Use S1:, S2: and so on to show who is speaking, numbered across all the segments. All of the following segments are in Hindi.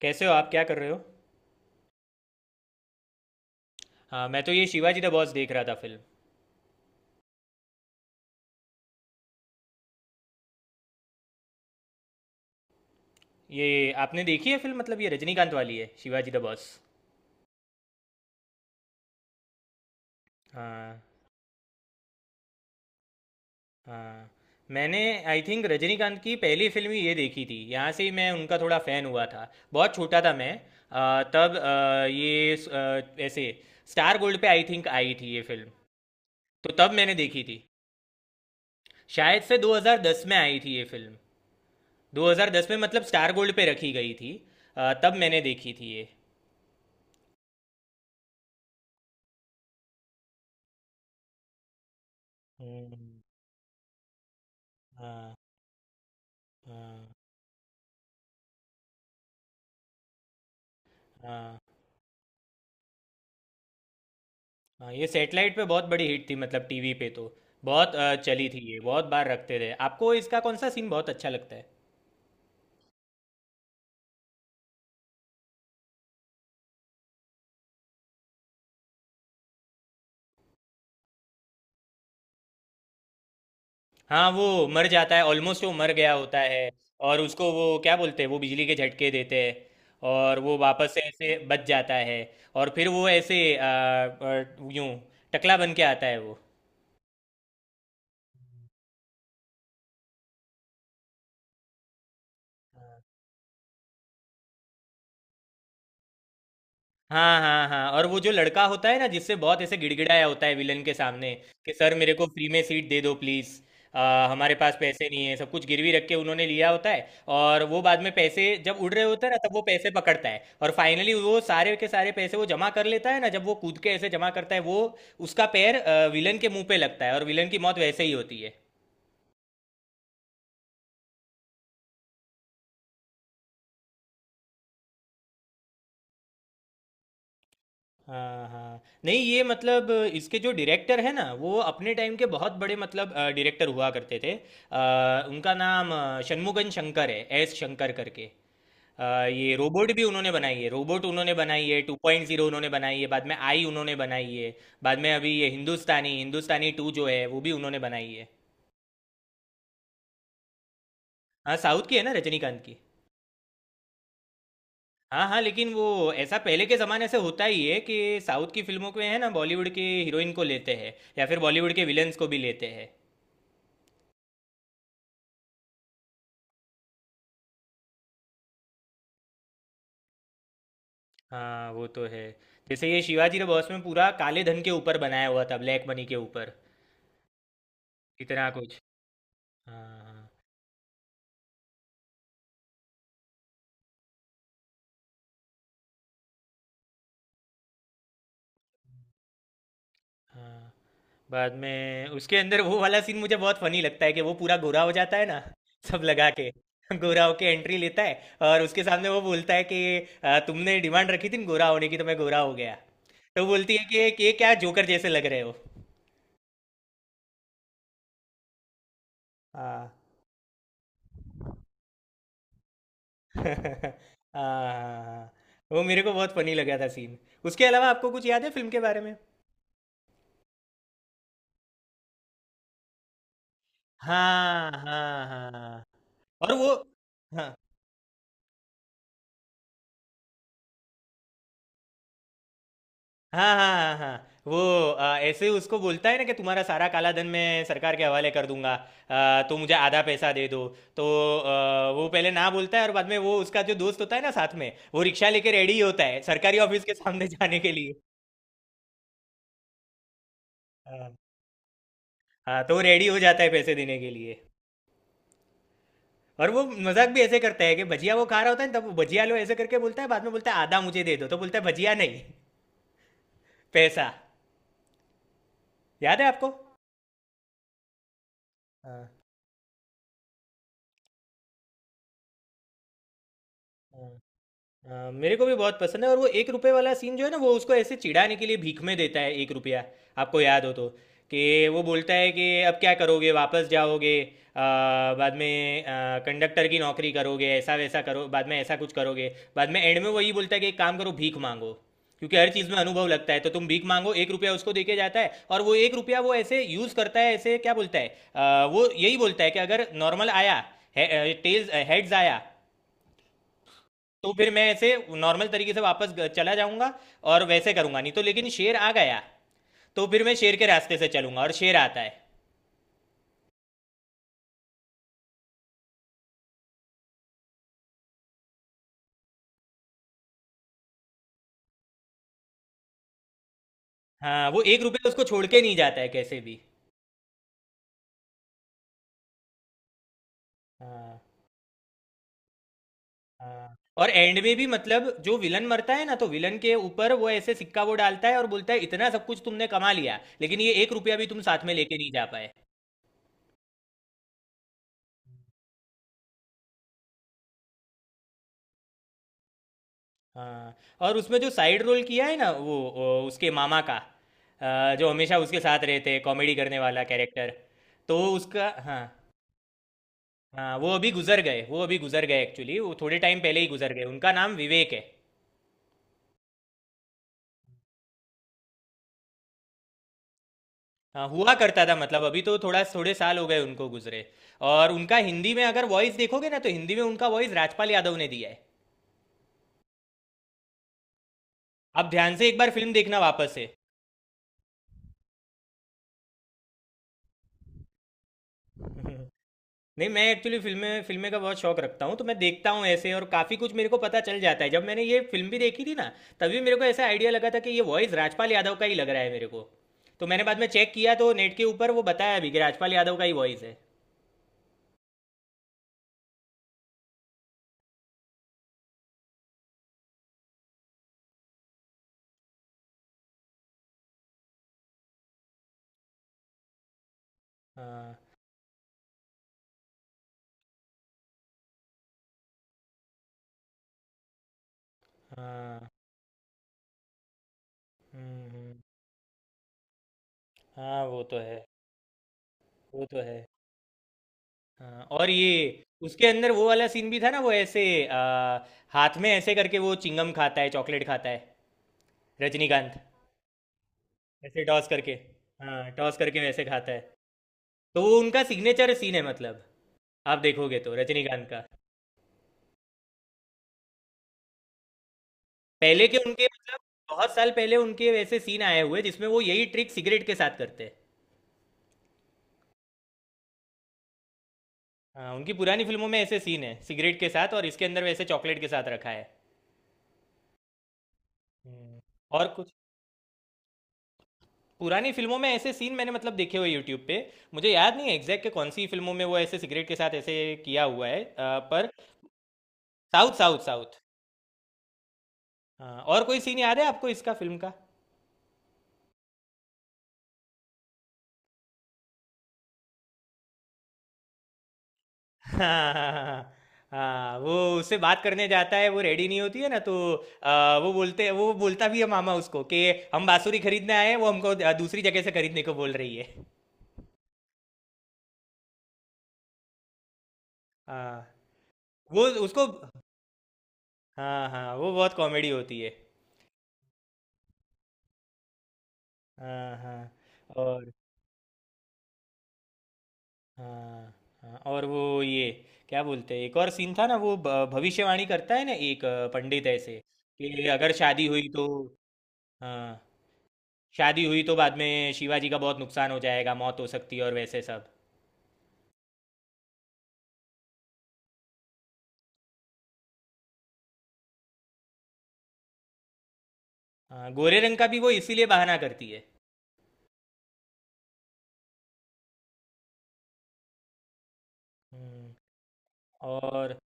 S1: कैसे हो आप क्या कर रहे हो। हाँ, मैं तो ये शिवाजी द बॉस देख रहा था फिल्म। ये आपने देखी है फिल्म मतलब ये रजनीकांत वाली है शिवाजी द बॉस। हाँ हाँ। मैंने आई थिंक रजनीकांत की पहली फिल्म ही ये देखी थी, यहाँ से ही मैं उनका थोड़ा फ़ैन हुआ था। बहुत छोटा था मैं। अ, तब अ, ये स- अ, ऐसे स्टार गोल्ड पे आई थिंक आई थी ये फिल्म, तो तब मैंने देखी थी। शायद से 2010 में आई थी ये फिल्म। 2010 में मतलब स्टार गोल्ड पे रखी गई थी। तब मैंने देखी थी ये। हम्म, हाँ हाँ हाँ हाँ, ये सेटेलाइट पे बहुत बड़ी हिट थी मतलब टीवी पे तो बहुत चली थी ये, बहुत बार रखते थे। आपको इसका कौन सा सीन बहुत अच्छा लगता है। हाँ, वो मर जाता है ऑलमोस्ट, वो मर गया होता है और उसको वो क्या बोलते हैं वो बिजली के झटके देते हैं और वो वापस से ऐसे बच जाता है और फिर वो ऐसे यूं टकला बन के आता है वो। हाँ, हाँ, हाँ, और वो जो लड़का होता है ना जिससे बहुत ऐसे गिड़गिड़ाया होता है विलन के सामने कि सर मेरे को फ्री में सीट दे दो प्लीज़, हमारे पास पैसे नहीं है, सब कुछ गिरवी रख के उन्होंने लिया होता है। और वो बाद में पैसे जब उड़ रहे होते हैं ना, तब वो पैसे पकड़ता है और फाइनली वो सारे के सारे पैसे वो जमा कर लेता है ना, जब वो कूद के ऐसे जमा करता है वो, उसका पैर विलन के मुंह पे लगता है और विलन की मौत वैसे ही होती है। हाँ हाँ, नहीं ये मतलब इसके जो डायरेक्टर है ना वो अपने टाइम के बहुत बड़े मतलब डायरेक्टर हुआ करते थे। उनका नाम शनमुगन शंकर है, एस शंकर करके। ये रोबोट भी उन्होंने बनाई है, रोबोट उन्होंने बनाई है, टू पॉइंट जीरो उन्होंने बनाई है बाद में आई, उन्होंने बनाई है। बाद में अभी ये हिंदुस्तानी, हिंदुस्तानी टू जो है वो भी उन्होंने बनाई है। हाँ, साउथ की है ना, रजनीकांत की। हाँ हाँ, लेकिन वो ऐसा पहले के ज़माने से होता ही है कि साउथ की फिल्मों को है ना, बॉलीवुड के हीरोइन को लेते हैं या फिर बॉलीवुड के विलन्स को भी लेते हैं। हाँ वो तो है। जैसे ये शिवाजी द बॉस में पूरा काले धन के ऊपर बनाया हुआ था, ब्लैक मनी के ऊपर। इतना कुछ। हाँ हाँ। बाद में उसके अंदर वो वाला सीन मुझे बहुत फनी लगता है कि वो पूरा गोरा हो जाता है ना, सब लगा के गोरा होके एंट्री लेता है और उसके सामने वो बोलता है कि तुमने डिमांड रखी थी ना गोरा होने की, तो मैं गोरा हो गया।" तो बोलती है कि ये क्या जोकर जैसे लग रहे हो। हाँ हाँ हाँ, हाँ। वो मेरे को बहुत फनी लगा था सीन। उसके अलावा आपको कुछ याद है फिल्म के बारे में। हाँ हाँ हाँ, और वो हाँ हाँ हाँ हाँ हाँ वो ऐसे उसको बोलता है ना कि तुम्हारा सारा काला धन मैं सरकार के हवाले कर दूंगा, तो मुझे आधा पैसा दे दो। तो वो पहले ना बोलता है और बाद में वो उसका जो दोस्त होता है ना साथ में, वो रिक्शा लेके रेडी होता है सरकारी ऑफिस के सामने जाने के लिए। हाँ हाँ, तो रेडी हो जाता है पैसे देने के लिए। और वो मजाक भी ऐसे करता है कि भजिया वो खा रहा होता है ना, तब वो भजिया लो ऐसे करके बोलता है, बाद में बोलता है आधा मुझे दे दो, तो बोलता है भजिया नहीं, पैसा। याद है आपको। हाँ। मेरे को भी बहुत पसंद है, और वो एक रुपए वाला सीन जो है ना, वो उसको ऐसे चिढ़ाने के लिए भीख में देता है एक रुपया, आपको याद हो तो, कि वो बोलता है कि अब क्या करोगे, वापस जाओगे, बाद में कंडक्टर की नौकरी करोगे, ऐसा वैसा करो, बाद में ऐसा कुछ करोगे, बाद में एंड में वही बोलता है कि एक काम करो, भीख मांगो, क्योंकि हर चीज़ में अनुभव लगता है, तो तुम भीख मांगो। एक रुपया उसको देके जाता है और वो एक रुपया वो ऐसे यूज़ करता है, ऐसे क्या बोलता है, वो यही बोलता है कि अगर नॉर्मल आया, टेल्स हेड्स आया, तो फिर मैं ऐसे नॉर्मल तरीके से वापस चला जाऊंगा और वैसे करूंगा नहीं, तो लेकिन शेर आ गया तो फिर मैं शेर के रास्ते से चलूंगा, और शेर आता है। हाँ, वो एक रुपये उसको छोड़ के नहीं जाता है कैसे भी। हाँ हाँ। और एंड में भी मतलब जो विलन मरता है ना, तो विलन के ऊपर वो ऐसे सिक्का वो डालता है और बोलता है इतना सब कुछ तुमने कमा लिया, लेकिन ये एक रुपया भी तुम साथ में लेके नहीं जा पाए। हाँ, और उसमें जो साइड रोल किया है ना, वो उसके मामा का, जो हमेशा उसके साथ रहते हैं, कॉमेडी करने वाला कैरेक्टर, तो उसका हाँ। हाँ, वो अभी गुजर गए, वो अभी गुजर गए एक्चुअली, वो थोड़े टाइम पहले ही गुजर गए, उनका नाम विवेक है। हाँ, हुआ करता था मतलब, अभी तो थोड़ा थोड़े साल हो गए उनको गुजरे। और उनका हिंदी में अगर वॉइस देखोगे ना, तो हिंदी में उनका वॉइस राजपाल यादव ने दिया है। आप ध्यान से एक बार फिल्म देखना वापस से। नहीं, मैं एक्चुअली फिल्में फिल्में का बहुत शौक रखता हूँ, तो मैं देखता हूँ ऐसे और काफ़ी कुछ मेरे को पता चल जाता है। जब मैंने ये फिल्म भी देखी थी ना, तभी मेरे को ऐसा आइडिया लगा था कि ये वॉइस राजपाल यादव का ही लग रहा है मेरे को, तो मैंने बाद में चेक किया तो नेट के ऊपर वो बताया भी कि राजपाल यादव का ही वॉइस है। हाँ हाँ, हुँ, हुँ, हाँ वो तो है, वो तो है। हाँ, और ये उसके अंदर वो वाला सीन भी था ना, वो ऐसे हाथ में ऐसे करके वो चिंगम खाता है, चॉकलेट खाता है, रजनीकांत। ऐसे टॉस करके, हाँ, टॉस करके वैसे खाता है। तो वो उनका सिग्नेचर सीन है मतलब, आप देखोगे तो रजनीकांत का पहले के उनके मतलब बहुत साल पहले उनके वैसे सीन आए हुए, जिसमें वो यही ट्रिक सिगरेट के साथ करते हैं। हाँ, उनकी पुरानी फिल्मों में ऐसे सीन है सिगरेट के साथ, और इसके अंदर वैसे चॉकलेट के साथ रखा है। हम्म, और कुछ पुरानी फिल्मों में ऐसे सीन मैंने मतलब देखे हुए यूट्यूब पे। मुझे याद नहीं है एग्जैक्ट के कौन सी फिल्मों में वो ऐसे सिगरेट के साथ ऐसे किया हुआ है पर, साउथ साउथ साउथ। हाँ, और कोई सीन याद है आपको इसका, फिल्म का। हाँ हाँ हाँ, हाँ, वो उससे बात करने जाता है, वो रेडी नहीं होती है ना, तो वो बोलते, वो बोलता भी है मामा उसको कि हम बांसुरी खरीदने आए हैं, वो हमको दूसरी जगह से खरीदने को बोल रही है। हाँ वो उसको, हाँ हाँ, वो बहुत कॉमेडी होती है। हाँ हाँ, और हाँ हाँ, और वो ये क्या बोलते हैं, एक और सीन था ना, वो भविष्यवाणी करता है ना एक पंडित ऐसे, कि अगर शादी हुई तो, हाँ शादी हुई तो बाद में शिवाजी का बहुत नुकसान हो जाएगा, मौत हो सकती है और वैसे सब। हाँ, गोरे रंग का भी वो इसीलिए बहाना करती है। हम्म, और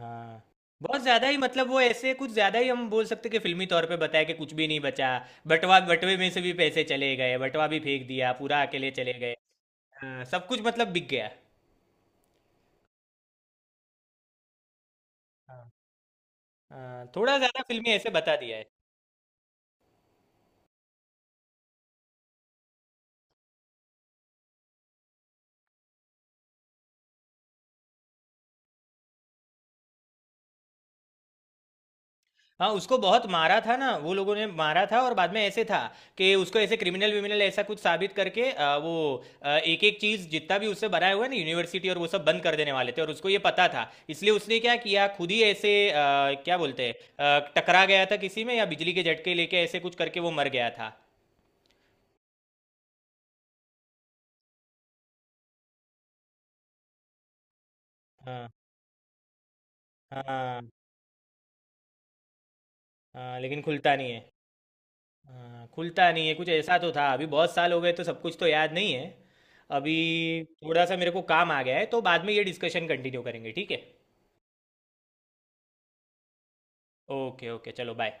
S1: हाँ, बहुत ज़्यादा ही मतलब वो ऐसे कुछ ज़्यादा ही हम बोल सकते हैं कि फिल्मी तौर पे बताया कि कुछ भी नहीं बचा, बटवा, बटवे में से भी पैसे चले गए, बटवा भी फेंक दिया, पूरा अकेले चले गए। हाँ, सब कुछ मतलब बिक गया। हाँ। हाँ, थोड़ा ज्यादा फिल्मी ऐसे बता दिया है। हाँ, उसको बहुत मारा था ना, वो लोगों ने मारा था और बाद में ऐसे था कि उसको ऐसे क्रिमिनल विमिनल ऐसा कुछ साबित करके वो एक एक चीज जितना भी उससे बनाया हुआ है ना, यूनिवर्सिटी और वो सब बंद कर देने वाले थे, और उसको ये पता था, इसलिए उसने क्या किया खुद ही ऐसे आ, क्या बोलते हैं आ, टकरा गया था किसी में या बिजली के झटके लेके ऐसे कुछ करके वो मर गया था। हाँ हाँ हाँ, लेकिन खुलता नहीं है। हाँ, खुलता नहीं है, कुछ ऐसा तो था। अभी बहुत साल हो गए तो सब कुछ तो याद नहीं है। अभी थोड़ा सा मेरे को काम आ गया है, तो बाद में ये डिस्कशन कंटिन्यू करेंगे, ठीक है। ओके ओके चलो बाय।